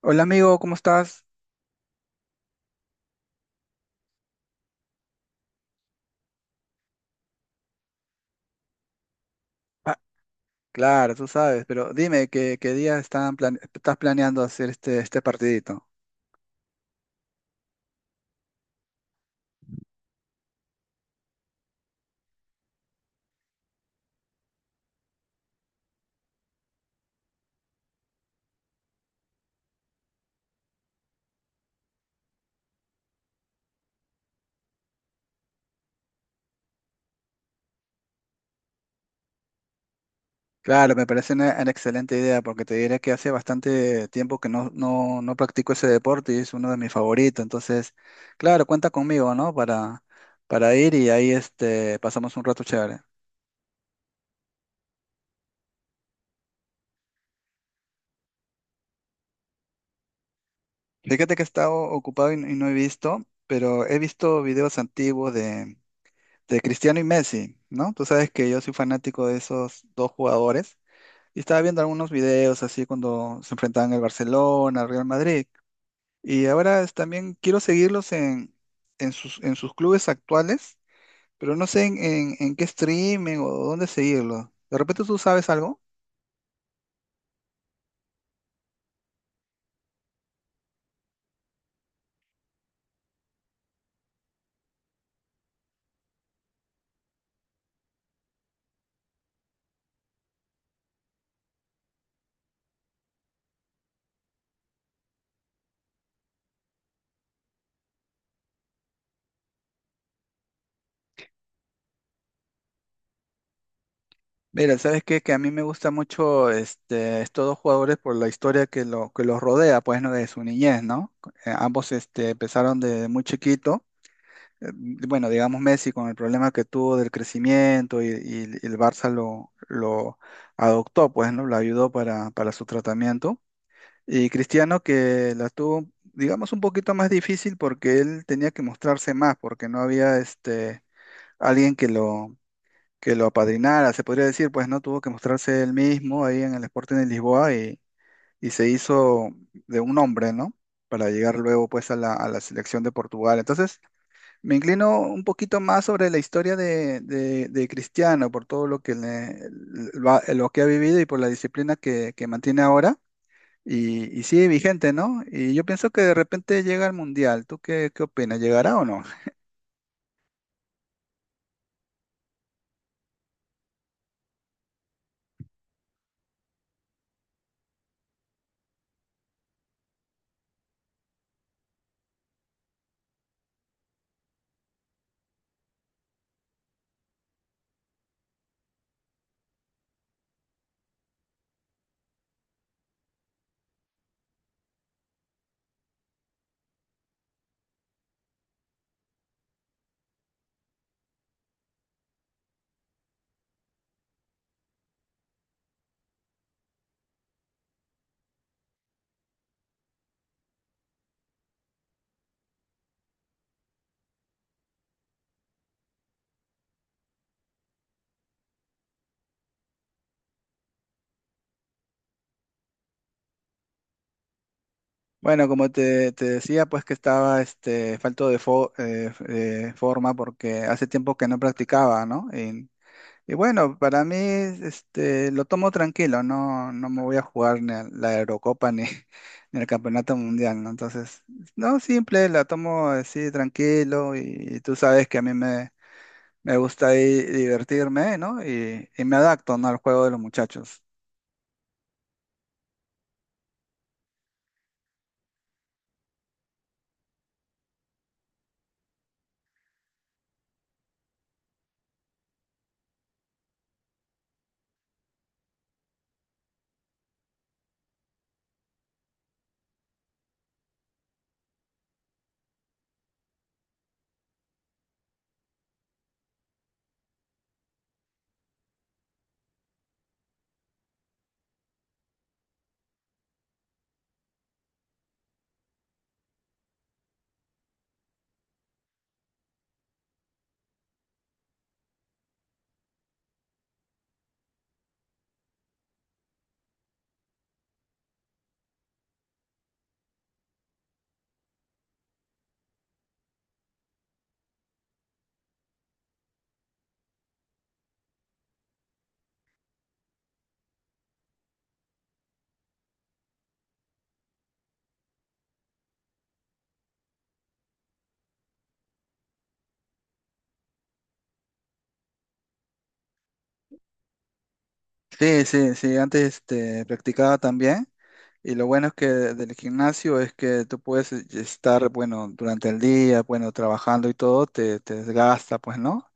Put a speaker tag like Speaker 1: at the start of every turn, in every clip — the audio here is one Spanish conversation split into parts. Speaker 1: Hola amigo, ¿cómo estás? Ah, claro, tú sabes, pero dime qué día estás planeando hacer este partidito. Claro, me parece una excelente idea porque te diré que hace bastante tiempo que no practico ese deporte y es uno de mis favoritos. Entonces, claro, cuenta conmigo, ¿no? Para ir y ahí pasamos un rato chévere. Fíjate que he estado ocupado y no he visto, pero he visto videos antiguos de Cristiano y Messi, ¿no? Tú sabes que yo soy fanático de esos dos jugadores. Y estaba viendo algunos videos así cuando se enfrentaban el Barcelona al Real Madrid. Y también quiero seguirlos en sus clubes actuales, pero no sé en qué streaming o dónde seguirlos. ¿De repente tú sabes algo? Mira, ¿sabes qué? Que a mí me gusta mucho estos dos jugadores por la historia que que los rodea, pues, ¿no? De su niñez, ¿no? Ambos empezaron de muy chiquito eh, bueno, digamos Messi con el problema que tuvo del crecimiento y el Barça lo adoptó, pues, ¿no? Lo ayudó para su tratamiento. Y Cristiano que la tuvo, digamos, un poquito más difícil porque él tenía que mostrarse más, porque no había alguien que lo apadrinara, se podría decir, pues, ¿no? Tuvo que mostrarse él mismo ahí en el Sporting de Lisboa y se hizo de un hombre, ¿no? Para llegar luego pues a la selección de Portugal. Entonces, me inclino un poquito más sobre la historia de Cristiano, por todo lo que ha vivido y por la disciplina que mantiene ahora. Y sigue vigente, ¿no? Y yo pienso que de repente llega al Mundial. Tú ¿qué opinas? ¿Llegará o no? Bueno, como te decía, pues que estaba falto de forma porque hace tiempo que no practicaba, ¿no? Y bueno, para mí, este, lo tomo tranquilo, no, no me voy a jugar ni a la Eurocopa ni, ni el Campeonato Mundial, ¿no? Entonces, no, simple, la tomo así tranquilo y, tú sabes que a mí me gusta ahí divertirme, ¿no? Y me adapto, ¿no?, al juego de los muchachos. Sí, sí, sí, antes practicaba también, y lo bueno es que del gimnasio es que tú puedes estar, bueno, durante el día, bueno, trabajando y todo, te desgasta, pues, ¿no?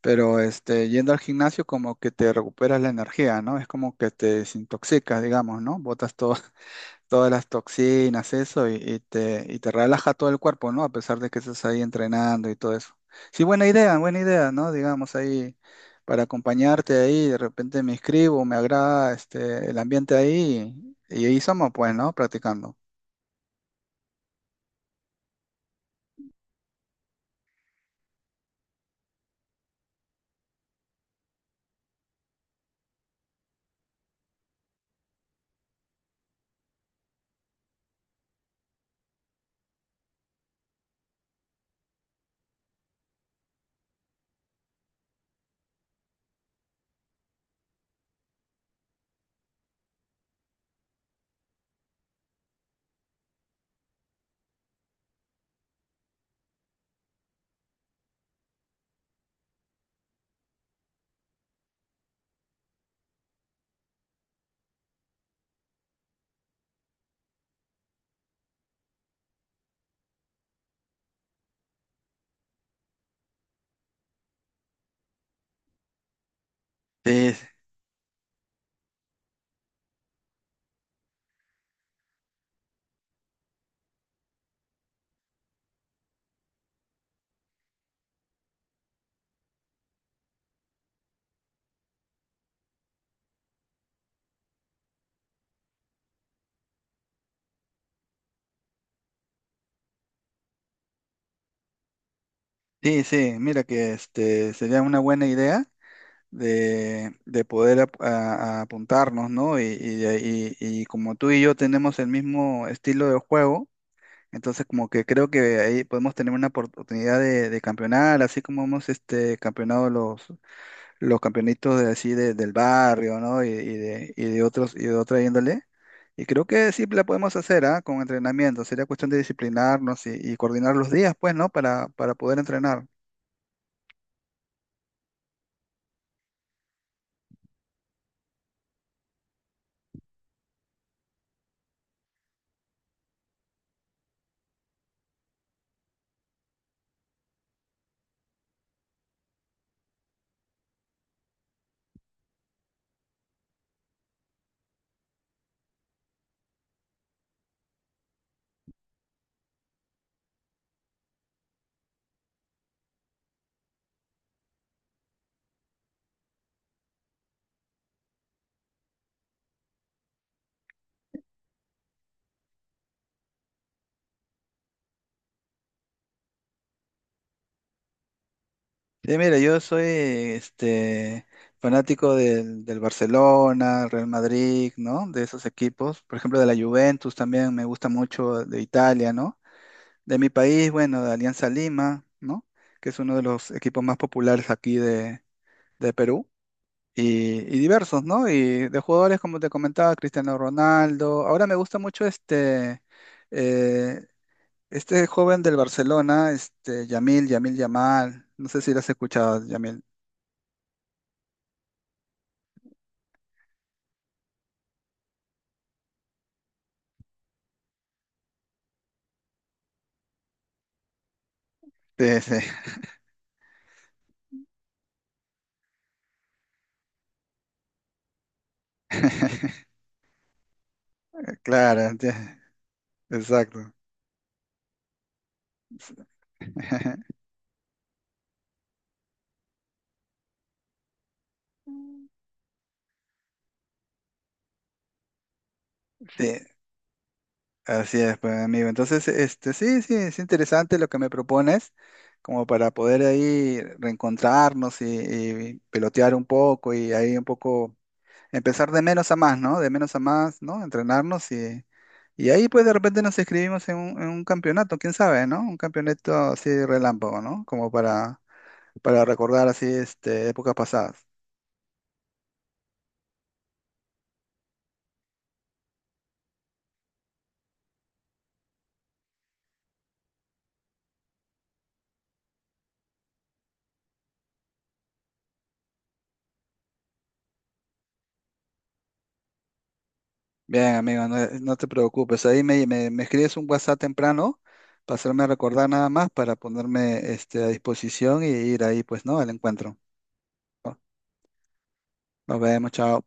Speaker 1: Pero este, yendo al gimnasio como que te recuperas la energía, ¿no? Es como que te desintoxicas, digamos, ¿no? Todas las toxinas, eso, y y te relaja todo el cuerpo, ¿no? A pesar de que estás ahí entrenando y todo eso. Sí, buena idea, ¿no? Digamos, ahí para acompañarte ahí, de repente me inscribo, me agrada el ambiente ahí, y ahí somos, pues, ¿no? Practicando. Sí, sí, sí, mira que este, sería una buena idea de poder ap- a apuntarnos, ¿no? Y como tú y yo tenemos el mismo estilo de juego, entonces como que creo que ahí podemos tener una oportunidad de campeonar, así como hemos campeonado los campeonitos del barrio, ¿no? Y de otros, y de otra índole. Y creo que sí la podemos hacer, ¿ah? Con entrenamiento. Sería cuestión de disciplinarnos y coordinar los días, pues, ¿no? Para poder entrenar. Sí, mira, yo soy fanático del Barcelona, Real Madrid, ¿no? De esos equipos. Por ejemplo, de la Juventus también me gusta mucho, de Italia, ¿no? De mi país, bueno, de Alianza Lima, ¿no?, que es uno de los equipos más populares aquí de Perú. Y diversos, ¿no? Y de jugadores, como te comentaba, Cristiano Ronaldo. Ahora me gusta mucho eh, este joven del Barcelona, este Yamil, Yamal. No sé si lo has escuchado, Yamil. Sí, sí, claro, exacto. Sí, así es, pues, amigo. Entonces, este, sí, sí, es interesante lo que me propones, como para poder ahí reencontrarnos y pelotear un poco y ahí un poco empezar de menos a más, ¿no? De menos a más, ¿no? Entrenarnos y ahí pues de repente nos inscribimos en un campeonato, quién sabe, ¿no? Un campeonato así relámpago, ¿no? Como para recordar así, este, épocas pasadas. Bien, amigo, no, no te preocupes. Ahí me escribes un WhatsApp temprano para hacerme recordar, nada más, para ponerme a disposición y ir ahí, pues, ¿no?, al encuentro. Nos vemos, chao.